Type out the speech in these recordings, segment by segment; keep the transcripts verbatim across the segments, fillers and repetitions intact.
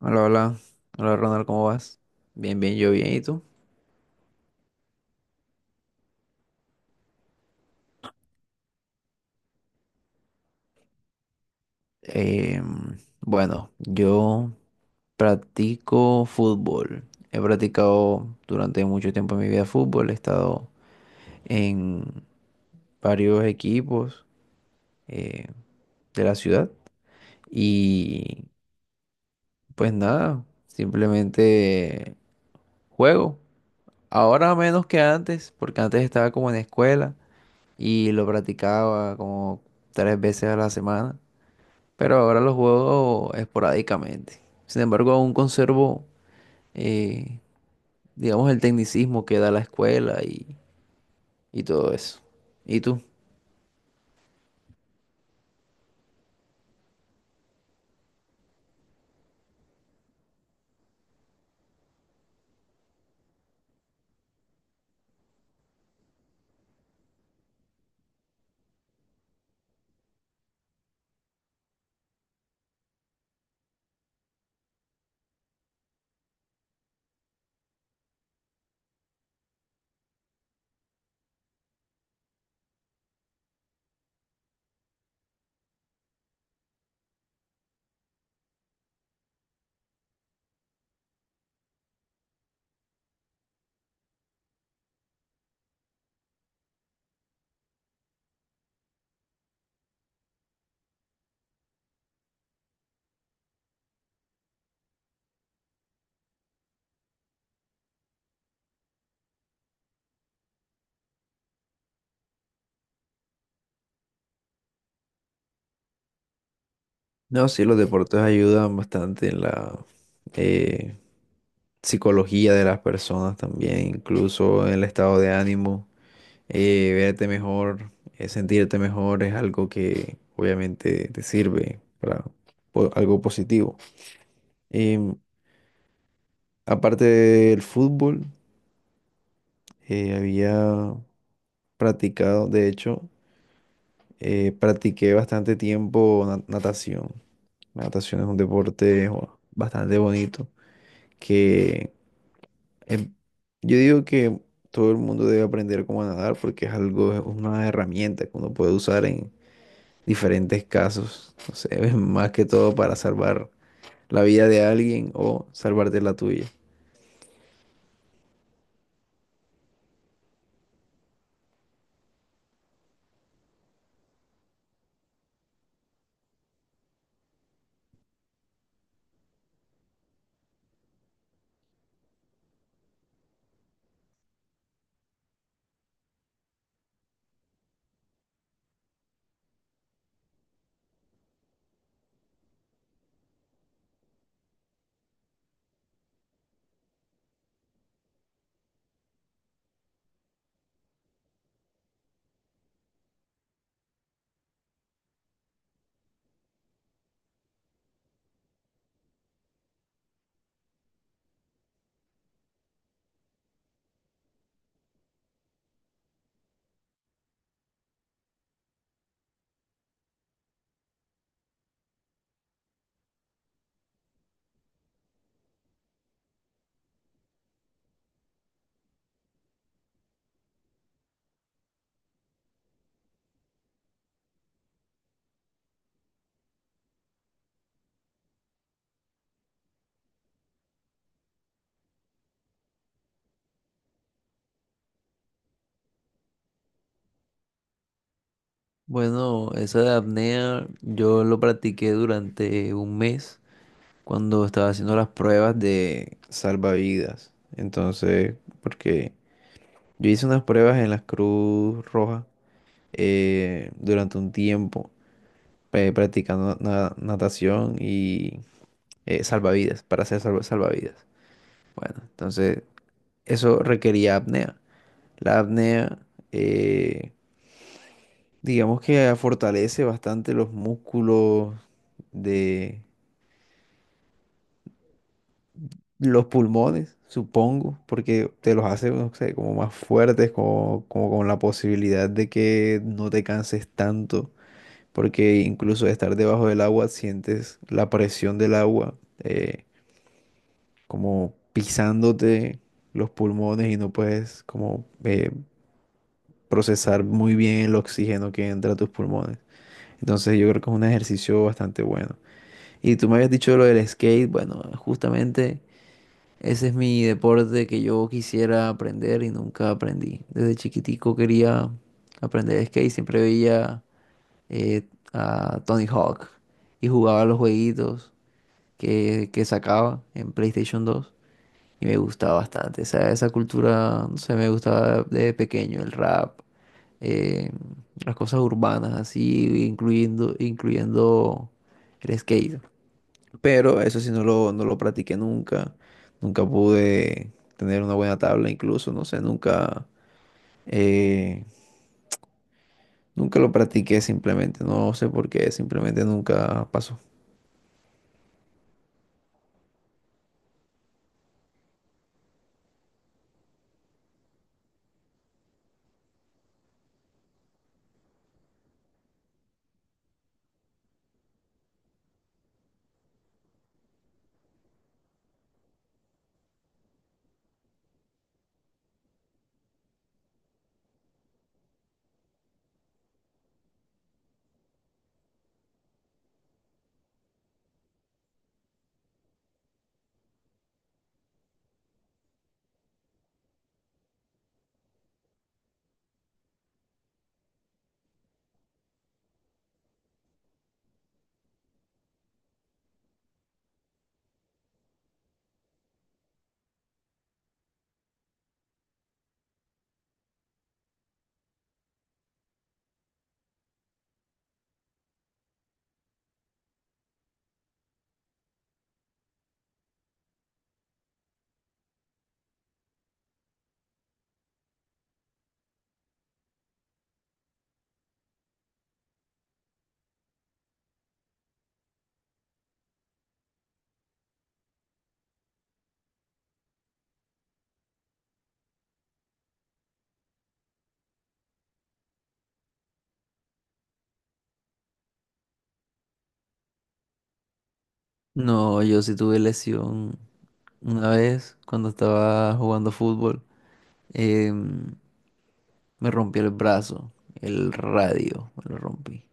Hola, hola. Hola, Ronald, ¿cómo vas? Bien, bien, yo bien, ¿y tú? Em, bueno, yo practico fútbol. He practicado durante mucho tiempo en mi vida fútbol. He estado en varios equipos eh, de la ciudad. Y pues nada, simplemente juego. Ahora menos que antes, porque antes estaba como en escuela y lo practicaba como tres veces a la semana, pero ahora los juego esporádicamente. Sin embargo, aún conservo, eh, digamos, el tecnicismo que da la escuela y, y todo eso. ¿Y tú? No, sí, los deportes ayudan bastante en la eh, psicología de las personas también, incluso en el estado de ánimo, eh, verte mejor, eh, sentirte mejor es algo que obviamente te sirve para po- algo positivo. Em, Aparte del fútbol, eh, había practicado, de hecho, eh, practiqué bastante tiempo na- natación. La natación es un deporte jo, bastante bonito que em, yo digo que todo el mundo debe aprender cómo nadar porque es algo, es una herramienta que uno puede usar en diferentes casos, no sé, más que todo para salvar la vida de alguien o salvarte la tuya. Bueno, esa de apnea yo lo practiqué durante un mes, cuando estaba haciendo las pruebas de salvavidas. Entonces, porque yo hice unas pruebas en la Cruz Roja eh, durante un tiempo, eh, practicando na- natación y eh, salvavidas, para hacer salva- salvavidas. Bueno, entonces eso requería apnea. La apnea, eh, digamos que fortalece bastante los músculos de los pulmones, supongo, porque te los hace, no sé, como más fuertes, como, como con la posibilidad de que no te canses tanto, porque incluso de estar debajo del agua sientes la presión del agua eh, como pisándote los pulmones y no puedes como eh, procesar muy bien el oxígeno que entra a tus pulmones. Entonces yo creo que es un ejercicio bastante bueno. Y tú me habías dicho lo del skate, bueno, justamente... Ese es mi deporte que yo quisiera aprender y nunca aprendí. Desde chiquitico quería aprender skate, siempre veía eh, a Tony Hawk y jugaba los jueguitos que, que sacaba en PlayStation dos y me gustaba bastante. Esa, esa cultura, no sé, me gustaba de pequeño, el rap, eh, las cosas urbanas así, incluyendo, incluyendo el skate. Pero eso sí no lo, no lo practiqué nunca. Nunca pude tener una buena tabla incluso, no sé, nunca, eh, nunca lo practiqué simplemente. No sé por qué, simplemente nunca pasó. No, yo sí tuve lesión una vez cuando estaba jugando fútbol. em, me rompí el brazo, el radio, me lo rompí.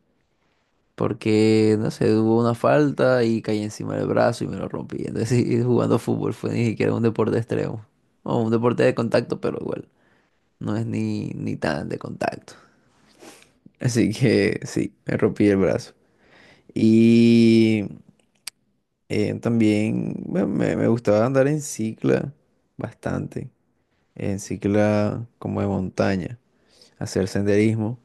Porque, no sé, hubo una falta y caí encima del brazo y me lo rompí. Entonces, y jugando fútbol fue ni siquiera un deporte extremo. O un deporte de contacto, pero igual, no es ni, ni tan de contacto. Así que sí, me rompí el brazo. Y eh, también bueno, me, me gustaba andar en cicla bastante. En cicla como de montaña, hacer senderismo.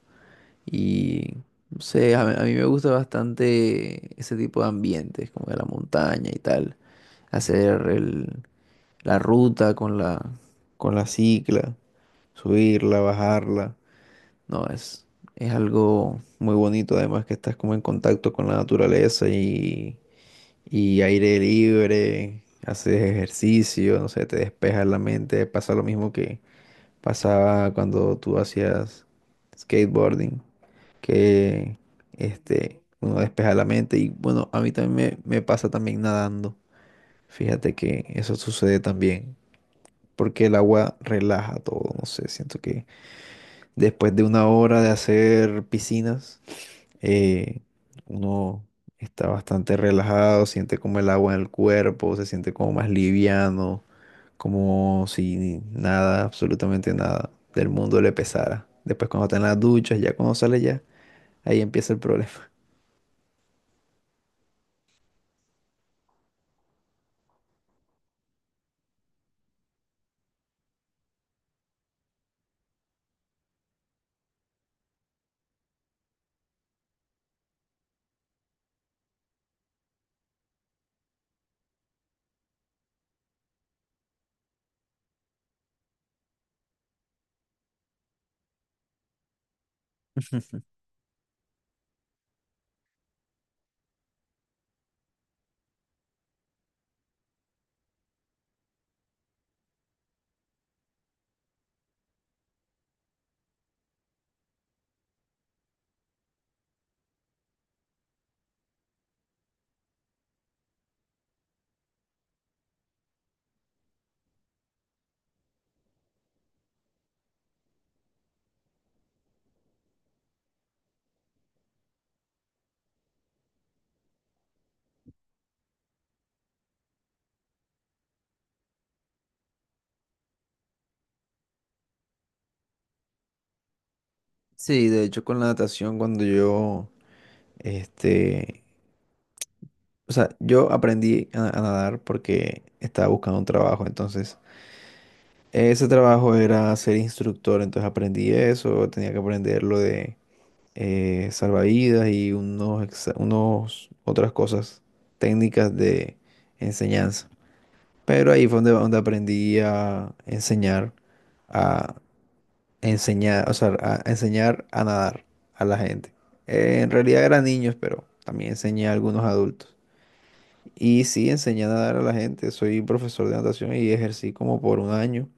Y no sé, a, a mí me gusta bastante ese tipo de ambientes, como de la montaña y tal. Hacer el- la ruta con la, con la cicla, subirla, bajarla. No, es, es algo muy bonito, además que estás como en contacto con la naturaleza y, y aire libre, haces ejercicio, no sé, te despejas la mente. Pasa lo mismo que pasaba cuando tú hacías skateboarding que este, uno despeja la mente. Y bueno, a mí también me, me pasa también nadando. Fíjate que eso sucede también, porque el agua relaja todo. No sé, siento que después de una hora de hacer piscinas, eh, uno está bastante relajado, siente como el agua en el cuerpo, se siente como más liviano, como si nada, absolutamente nada del mundo le pesara. Después cuando está en las duchas, ya cuando sale ya, ahí empieza el problema. Sí, de hecho con la natación cuando yo, este, o sea, yo aprendí a, a nadar porque estaba buscando un trabajo, entonces ese trabajo era ser instructor, entonces aprendí eso, tenía que aprender lo de eh, salvavidas y unos, exa- unos otras cosas técnicas de enseñanza. Pero ahí fue donde, donde aprendí a enseñar enseñar, o sea, a enseñar a nadar a la gente. Eh, en realidad eran niños, pero también enseñé a algunos adultos. Y sí, enseñé a nadar a la gente. Soy profesor de natación y ejercí como por un año.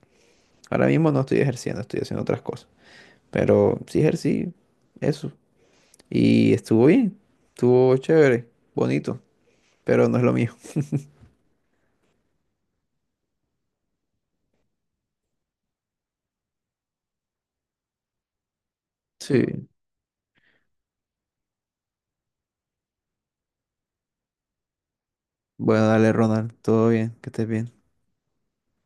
Ahora mismo no estoy ejerciendo, estoy haciendo otras cosas. Pero sí ejercí eso. Y estuvo bien, estuvo chévere, bonito, pero no es lo mío. Sí. Bueno, dale, Ronald, todo bien, que estés bien.